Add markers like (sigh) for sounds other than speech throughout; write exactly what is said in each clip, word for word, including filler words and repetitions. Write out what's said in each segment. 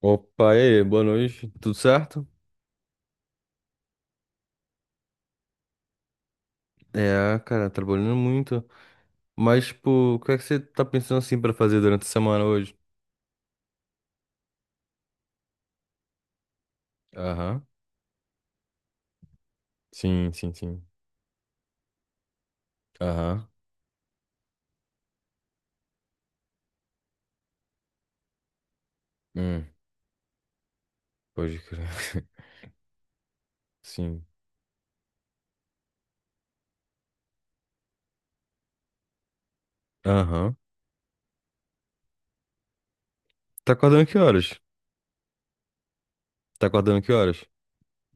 Opa, e aí, boa noite, tudo certo? É, cara, trabalhando muito. Mas, tipo, o que é que você tá pensando assim pra fazer durante a semana hoje? Aham. Sim, sim, sim. Aham. Hum, pode crer. (laughs) Sim. Aham. Tá acordando que horas? Tá acordando que horas?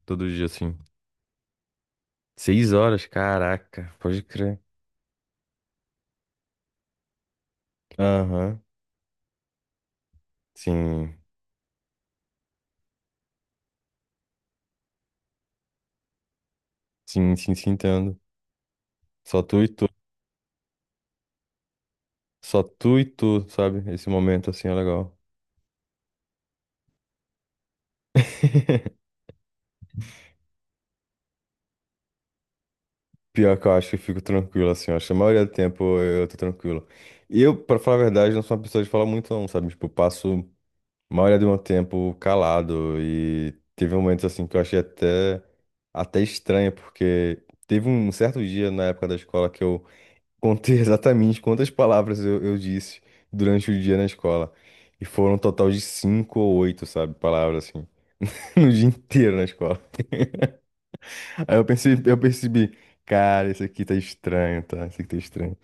Todo dia, assim. Seis horas? Caraca, pode crer. Aham. Sim. Sim, sim, sim, entendo. Só tu e tu. Só tu e tu, sabe? Esse momento, assim, é legal. (laughs) Pior que eu acho que eu fico tranquilo, assim, eu acho que a maioria do tempo eu, eu tô tranquilo. E eu, pra falar a verdade, não sou uma pessoa de falar muito, não, sabe? Tipo, eu passo a maioria do meu tempo calado e teve momentos, assim, que eu achei até, até estranho, porque teve um certo dia na época da escola que eu contei (laughs) exatamente quantas palavras eu, eu disse durante o dia na escola. E foram um total de cinco ou oito, sabe, palavras, assim, (laughs) no dia inteiro na escola. Aí eu percebi, eu percebi, cara, isso aqui tá estranho, tá? Isso aqui tá estranho.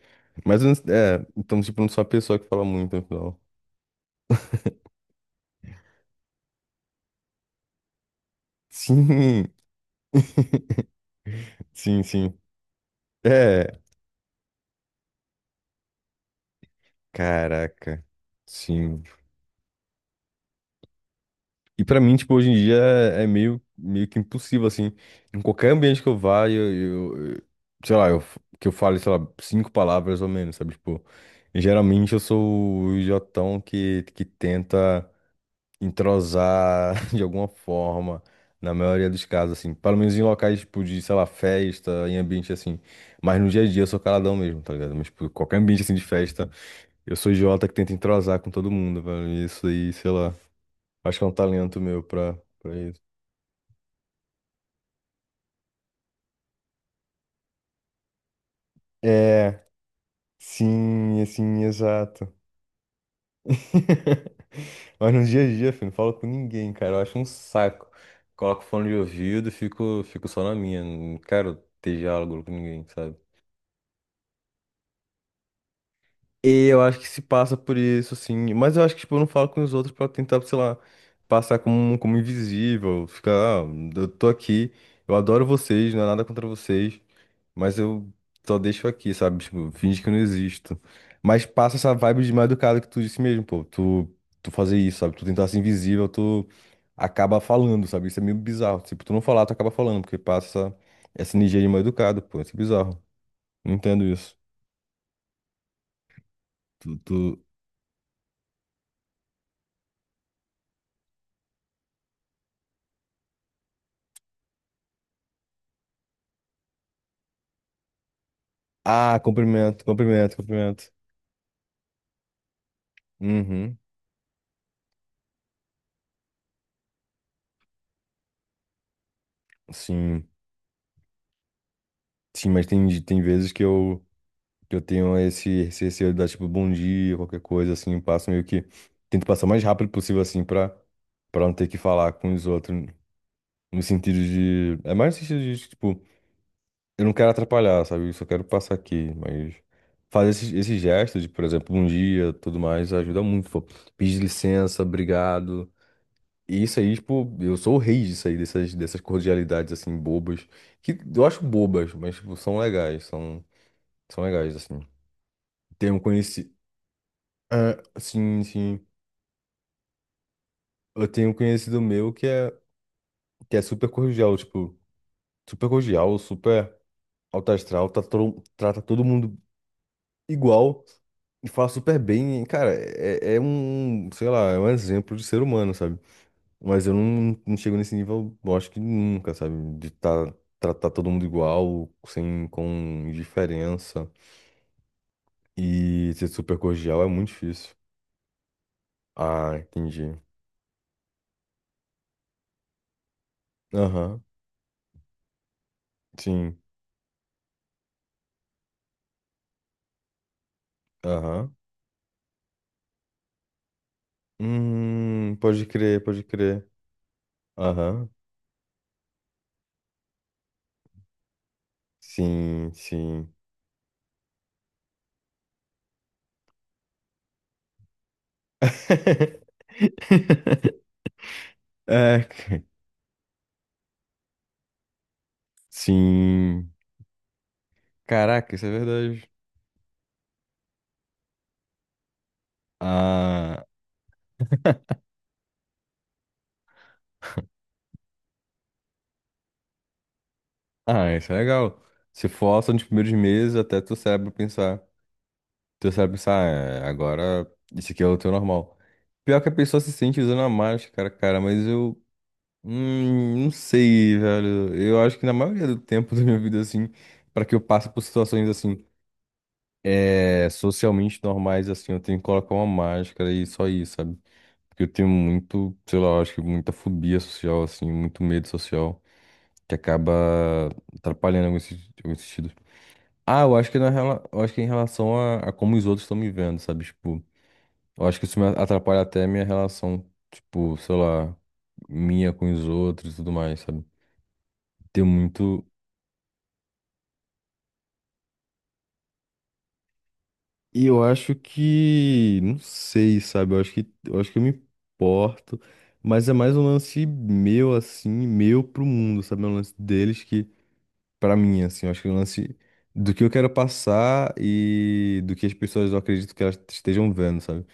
Mas eu não- É, então, tipo, não sou a pessoa que fala muito no final. Sim! (laughs) Sim, sim. É, caraca. Sim. E pra mim, tipo, hoje em dia é meio, meio que impossível, assim. Em qualquer ambiente que eu vá, eu, eu- eu- sei lá, eu, f- que eu fale, sei lá, cinco palavras ou menos, sabe? Tipo, geralmente eu sou o jotão que, que tenta entrosar (laughs) de alguma forma, na maioria dos casos, assim. Pelo menos em locais, tipo, de, sei lá, festa, em ambiente assim. Mas no dia a dia eu sou caladão mesmo, tá ligado? Mas, tipo, qualquer ambiente assim de festa, eu sou idiota que tenta entrosar com todo mundo, velho. E isso aí, sei lá. Acho que é um talento meu pra, pra isso. É, sim, assim, exato. (laughs) Mas no dia a dia, filho, não falo com ninguém, cara. Eu acho um saco. Coloco fone de ouvido e fico, fico só na minha. Não quero ter diálogo com ninguém, sabe? E eu acho que se passa por isso, assim. Mas eu acho que, tipo, eu não falo com os outros pra tentar, sei lá, passar como, como, invisível. Ficar, ah, eu tô aqui, eu adoro vocês, não é nada contra vocês, mas eu só deixo aqui, sabe? Tipo, finge que eu não existo. Mas passa essa vibe de mal educado que tu disse mesmo, pô. Tu, tu fazer isso, sabe? Tu tentar ser invisível, tu acaba falando, sabe? Isso é meio bizarro. Tipo, tu não falar, tu acaba falando, porque passa essa, essa, energia de mal educado, pô. Isso é bizarro. Não entendo isso. tu tu, Ah, cumprimento, cumprimento, cumprimento. Uhum, sim. Sim, mas tem, tem vezes que eu, que eu tenho esse, esse receio de dar, tipo, bom dia, qualquer coisa, assim, eu passo meio que... Tento passar o mais rápido possível, assim, pra, pra não ter que falar com os outros, no sentido de... É mais no sentido de, tipo, eu não quero atrapalhar, sabe? Eu só quero passar aqui, mas... Fazer esse, esse, gesto de, por exemplo, bom dia, tudo mais, ajuda muito, pô. Pedir licença, obrigado. E isso aí, tipo, eu sou o rei disso aí, dessas, dessas cordialidades, assim, bobas. Que eu acho bobas, mas, tipo, são legais, são, são legais, assim. Tenho conhecido... Ah, sim, sim. Eu tenho um conhecido meu que é, que é, super cordial, tipo, super cordial, super alto astral, tá todo, trata todo mundo igual e fala super bem. E, cara, é, é, um, sei lá, é um exemplo de ser humano, sabe? Mas eu não, não chego nesse nível, eu acho que nunca, sabe? De tá, tratar todo mundo igual, sem, com indiferença. E ser super cordial é muito difícil. Ah, entendi. Aham, sim. Aham. Hum, pode crer, pode crer. Aham, sim, sim. (laughs) É, c- sim. Caraca, isso é verdade. Ah, ah, isso é legal. Se força nos primeiros meses até teu cérebro pensar. Tu sabe pensar, "Ah, é, agora isso aqui é o teu normal." Pior que a pessoa se sente usando a máscara, cara, mas eu hum, não sei, velho. Eu acho que na maioria do tempo (laughs) da minha vida, assim, pra que eu passe por situações assim, é, socialmente normais, assim, eu tenho que colocar uma máscara e só isso, sabe? Porque eu tenho muito, sei lá, eu acho que muita fobia social, assim, muito medo social, que acaba atrapalhando em alguns se- alguns sentidos. Ah, eu acho que na, rela- eu acho que em relação a, a como os outros estão me vendo, sabe? Tipo. Eu acho que isso me atrapalha até a minha relação, tipo, sei lá, minha com os outros e tudo mais, sabe? Tem muito. E eu acho que, não sei, sabe? Eu acho que, eu acho que eu me importo. Mas é mais um lance meu, assim, meu pro mundo, sabe? É um lance deles que, pra mim, assim, eu acho que é um lance do que eu quero passar e do que as pessoas eu acredito que elas estejam vendo, sabe?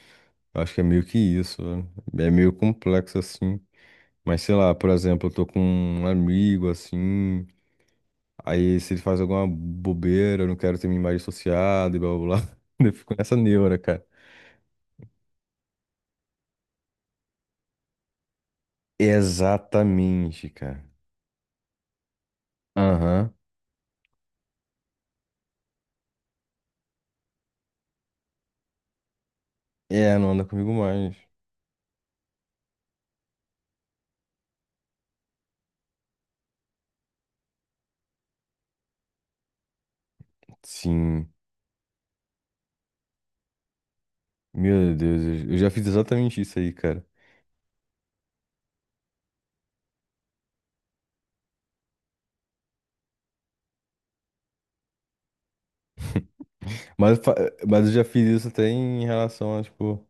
Eu acho que é meio que isso, né? É meio complexo, assim. Mas sei lá, por exemplo, eu tô com um amigo assim, aí se ele faz alguma bobeira, eu não quero ter minha imagem associada e blá blá blá. (laughs) Eu fico nessa neura, cara. Exatamente, cara. Aham. É, não anda comigo mais. Sim. Meu Deus, eu eu já fiz exatamente isso aí, cara. (laughs) Mas, eu fa- mas eu já fiz isso até em relação a, tipo,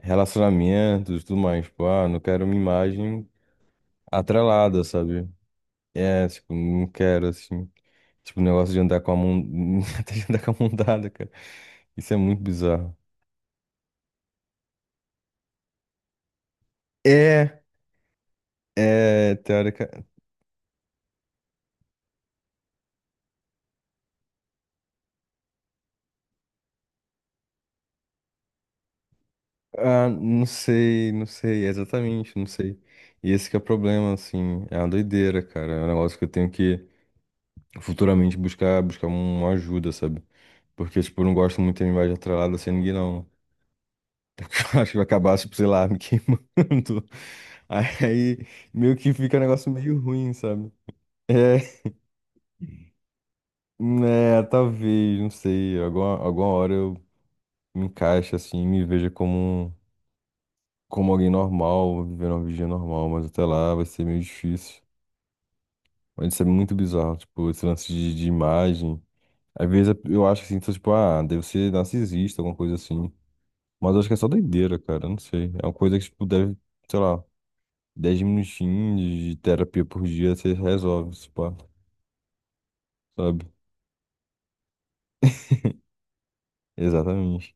relacionamentos e tudo mais. Tipo, ah, não quero minha imagem atrelada, sabe? É, tipo, não quero, assim. Tipo, o negócio de andar com a mão. (laughs) Até de andar com a mão dada, cara. Isso é muito bizarro. É, é, teórica. Ah, não sei, não sei, exatamente, não sei. E esse que é o problema, assim. É uma doideira, cara. É um negócio que eu tenho que futuramente buscar, buscar uma ajuda, sabe? Porque, tipo, eu não gosto muito de linguagem atrelada sem ninguém, não. (laughs) Acho que vai acabar, tipo, sei lá, me queimando. (laughs) Aí, meio que fica um negócio meio ruim, sabe? É. É, talvez, não sei. Alguma, alguma hora eu me encaixe assim, me veja como, um- como alguém normal, vivendo uma vida normal, mas até lá vai ser meio difícil. Mas isso é muito bizarro, tipo, esse lance de, de, imagem. Às vezes é, eu acho assim, tô, tipo, ah, deve ser narcisista, alguma coisa assim. Mas eu acho que é só doideira, cara, não sei. É uma coisa que, tipo, deve, sei lá, dez minutinhos de terapia por dia você resolve, se pá, sabe? Exatamente.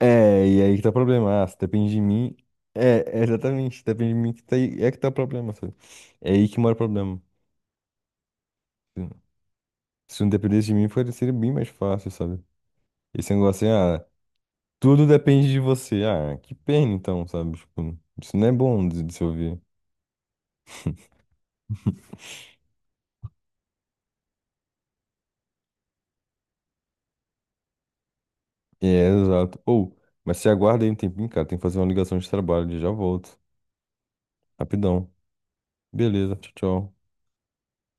É, e aí que tá o problema. Ah, se depende de mim. É, é exatamente, se depende de mim que tá aí, é que tá o problema, sabe? É aí que mora o problema. Se não dependesse de mim, foi- seria bem mais fácil, sabe? Esse negócio assim, ah, tudo depende de você. Ah, que pena então, sabe? Tipo, isso não é bom de, de, se ouvir. É, exato. Ou, mas se aguarda aí um tempinho, cara, tem que fazer uma ligação de trabalho, já volto. Rapidão. Beleza, tchau, tchau.